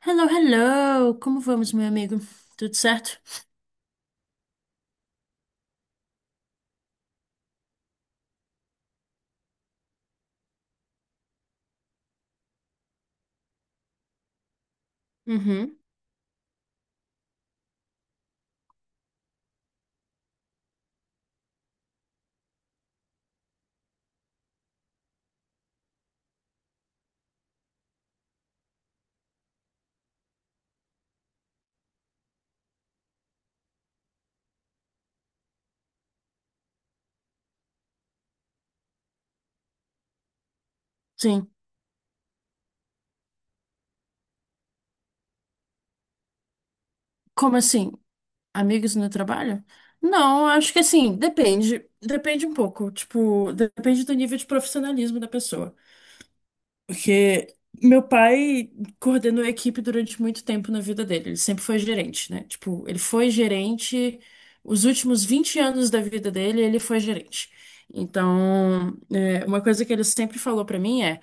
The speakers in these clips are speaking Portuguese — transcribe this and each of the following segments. Hello, hello! Como vamos, meu amigo? Tudo certo? Uhum. Sim. Como assim? Amigos no trabalho? Não, acho que assim, depende. Depende um pouco. Tipo, depende do nível de profissionalismo da pessoa. Porque meu pai coordenou a equipe durante muito tempo na vida dele. Ele sempre foi gerente, né? Tipo, ele foi gerente. Os últimos 20 anos da vida dele, ele foi gerente. Então, uma coisa que ele sempre falou pra mim é.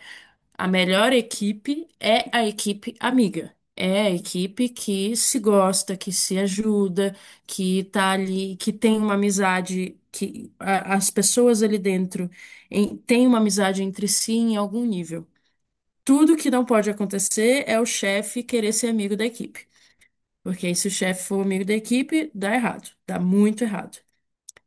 A melhor equipe é a equipe amiga. É a equipe que se gosta, que se ajuda, que tá ali, que tem uma amizade, que as pessoas ali dentro têm uma amizade entre si em algum nível. Tudo que não pode acontecer é o chefe querer ser amigo da equipe. Porque aí, se o chefe for amigo da equipe, dá errado, dá muito errado.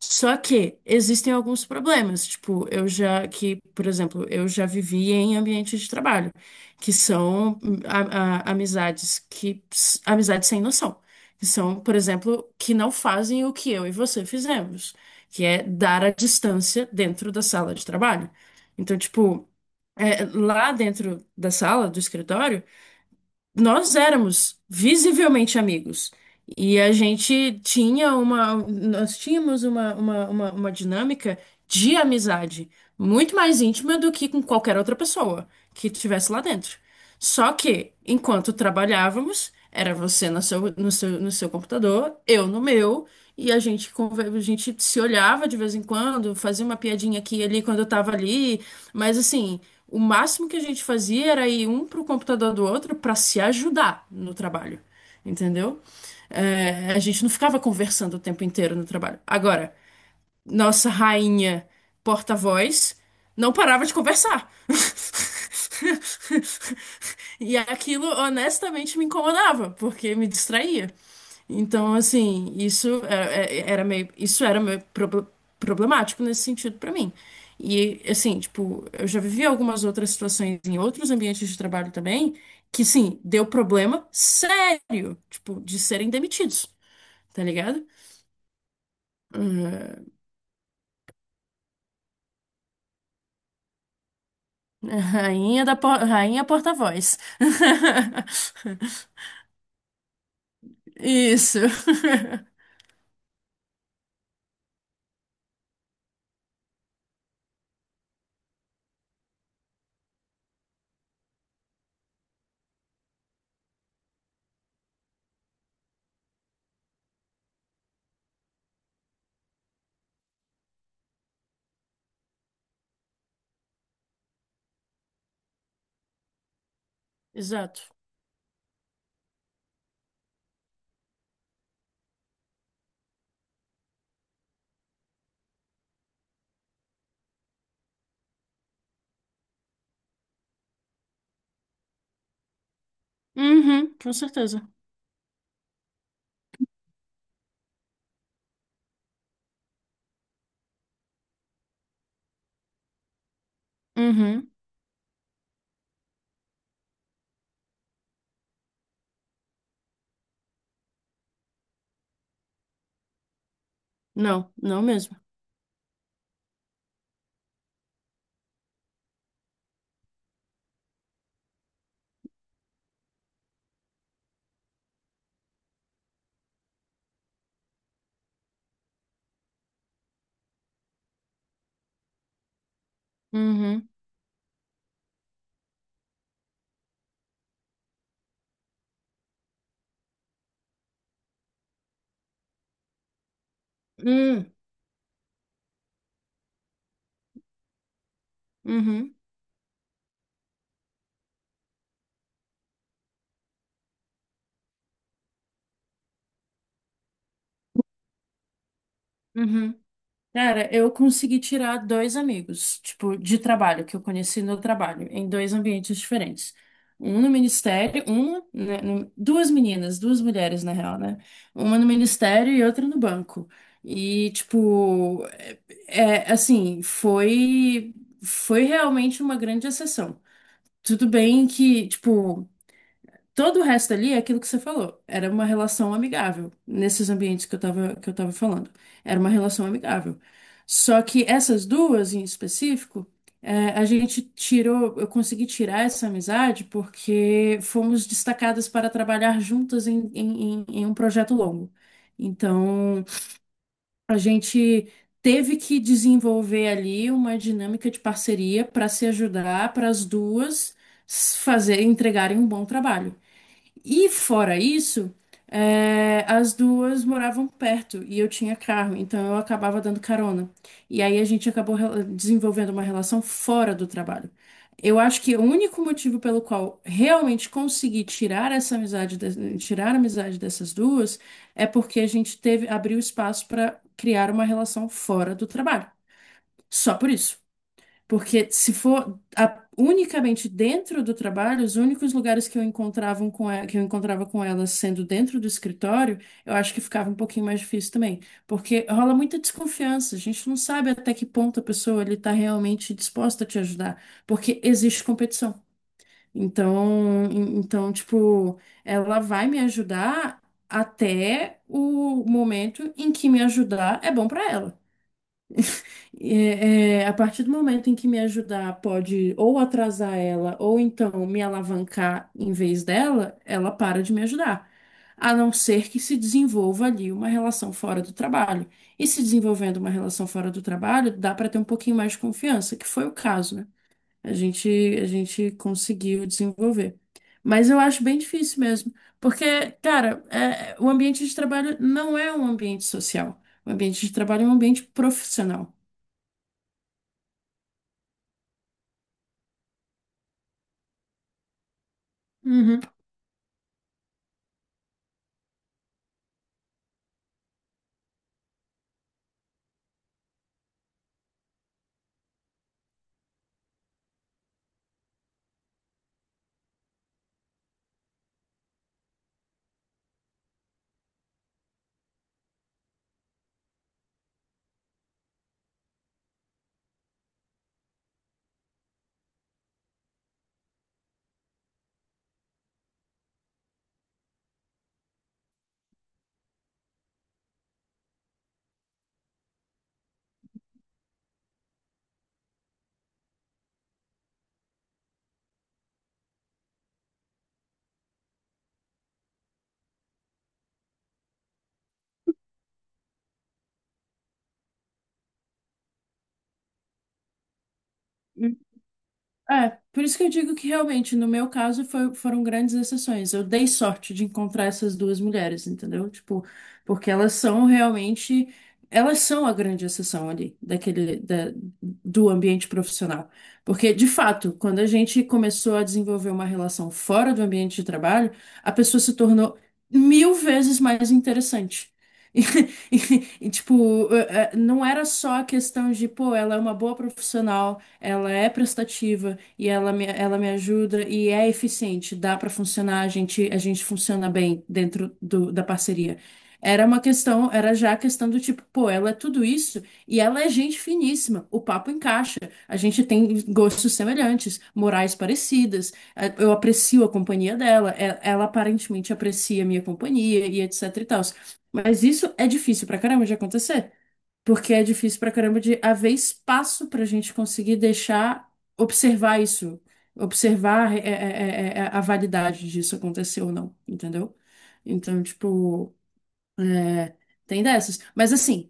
Só que existem alguns problemas, tipo, eu já que, por exemplo, eu já vivi em ambientes de trabalho, que são amizades sem noção, que são, por exemplo, que não fazem o que eu e você fizemos, que é dar a distância dentro da sala de trabalho. Então, tipo, lá dentro da sala, do escritório, nós éramos visivelmente amigos. E a gente tinha uma, Nós tínhamos uma dinâmica de amizade muito mais íntima do que com qualquer outra pessoa que estivesse lá dentro. Só que, enquanto trabalhávamos, era você no seu computador, eu no meu, e a gente se olhava de vez em quando, fazia uma piadinha aqui e ali quando eu tava ali, mas assim, o máximo que a gente fazia era ir um pro computador do outro para se ajudar no trabalho, entendeu? A gente não ficava conversando o tempo inteiro no trabalho. Agora, nossa rainha porta-voz não parava de conversar. E aquilo honestamente me incomodava, porque me distraía. Então, assim, isso era meio problemático nesse sentido pra mim. E, assim, tipo, eu já vivi algumas outras situações em outros ambientes de trabalho também, que, sim, deu problema sério, tipo, de serem demitidos, tá ligado? Rainha porta-voz. Isso. Exato. Uhum, com certeza. Uhum. Não, não mesmo. Uhum. Hum. Uhum. Uhum. Cara, eu consegui tirar dois amigos, tipo, de trabalho, que eu conheci no trabalho, em dois ambientes diferentes. Um no ministério, uma, né, no- duas meninas, duas mulheres, na real, né? Uma no ministério e outra no banco. E, tipo, assim, foi realmente uma grande exceção. Tudo bem que, tipo, todo o resto ali é aquilo que você falou. Era uma relação amigável, nesses ambientes que eu tava falando. Era uma relação amigável. Só que essas duas em específico, eu consegui tirar essa amizade porque fomos destacadas para trabalhar juntas em um projeto longo. Então, a gente teve que desenvolver ali uma dinâmica de parceria para se ajudar, para as duas entregarem um bom trabalho. E fora isso, as duas moravam perto e eu tinha carro, então eu acabava dando carona. E aí a gente acabou desenvolvendo uma relação fora do trabalho. Eu acho que o único motivo pelo qual realmente consegui tirar essa amizade, tirar a amizade dessas duas, é porque abriu espaço para criar uma relação fora do trabalho. Só por isso. Porque se for unicamente dentro do trabalho, os únicos lugares que eu encontrava com ela sendo dentro do escritório, eu acho que ficava um pouquinho mais difícil também. Porque rola muita desconfiança, a gente não sabe até que ponto a pessoa ele está realmente disposta a te ajudar, porque existe competição. Então, então, tipo, ela vai me ajudar até o momento em que me ajudar é bom para ela. A partir do momento em que me ajudar pode ou atrasar ela, ou então me alavancar em vez dela, ela para de me ajudar. A não ser que se desenvolva ali uma relação fora do trabalho. E se desenvolvendo uma relação fora do trabalho, dá para ter um pouquinho mais de confiança, que foi o caso, né? A gente, a gente conseguiu desenvolver. Mas eu acho bem difícil mesmo, porque, cara, o ambiente de trabalho não é um ambiente social. O ambiente de trabalho é um ambiente profissional. Uhum. É, por isso que eu digo que realmente, no meu caso, foram grandes exceções. Eu dei sorte de encontrar essas duas mulheres, entendeu? Tipo, porque elas são a grande exceção ali, do ambiente profissional. Porque, de fato, quando a gente começou a desenvolver uma relação fora do ambiente de trabalho, a pessoa se tornou mil vezes mais interessante. E, tipo, não era só a questão de, pô, ela é uma boa profissional, ela é prestativa e ela me ajuda e é eficiente, dá para funcionar, a gente funciona bem dentro da parceria. Era já a questão do tipo, pô, ela é tudo isso e ela é gente finíssima, o papo encaixa, a gente tem gostos semelhantes, morais parecidas, eu aprecio a companhia dela, ela aparentemente aprecia a minha companhia e etc e tal. Mas isso é difícil pra caramba de acontecer porque é difícil pra caramba de haver espaço pra gente conseguir deixar observar isso, observar a validade disso acontecer ou não, entendeu? Então, tipo, é, tem dessas. Mas assim.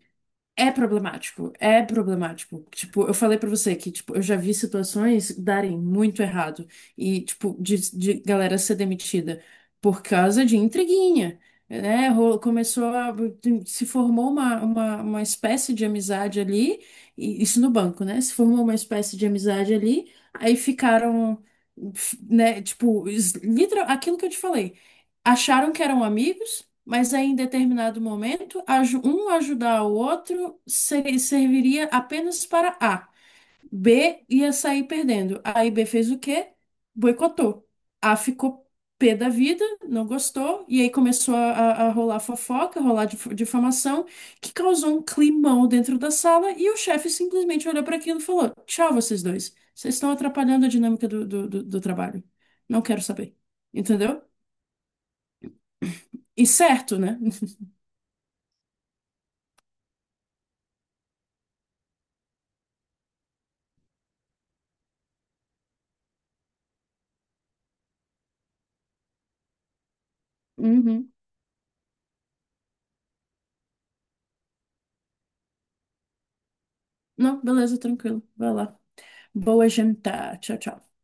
É problemático, é problemático. Tipo, eu falei pra você que, tipo, eu já vi situações darem muito errado e, tipo, de galera ser demitida por causa de intriguinha, né? Se formou uma espécie de amizade ali, e isso no banco, né? Se formou uma espécie de amizade ali, aí ficaram, né? Tipo, aquilo que eu te falei. Acharam que eram amigos. Mas aí, em determinado momento, um ajudar o outro serviria apenas para A. B ia sair perdendo. Aí B fez o quê? Boicotou. A ficou pé da vida, não gostou, e aí começou a rolar fofoca, rolar difamação, que causou um climão dentro da sala, e o chefe simplesmente olhou para aquilo e falou: Tchau, vocês dois. Vocês estão atrapalhando a dinâmica do trabalho. Não quero saber. Entendeu? E certo, né? Uhum. Não, beleza, tranquilo. Vai lá. Boa jantar. Tchau, tchau.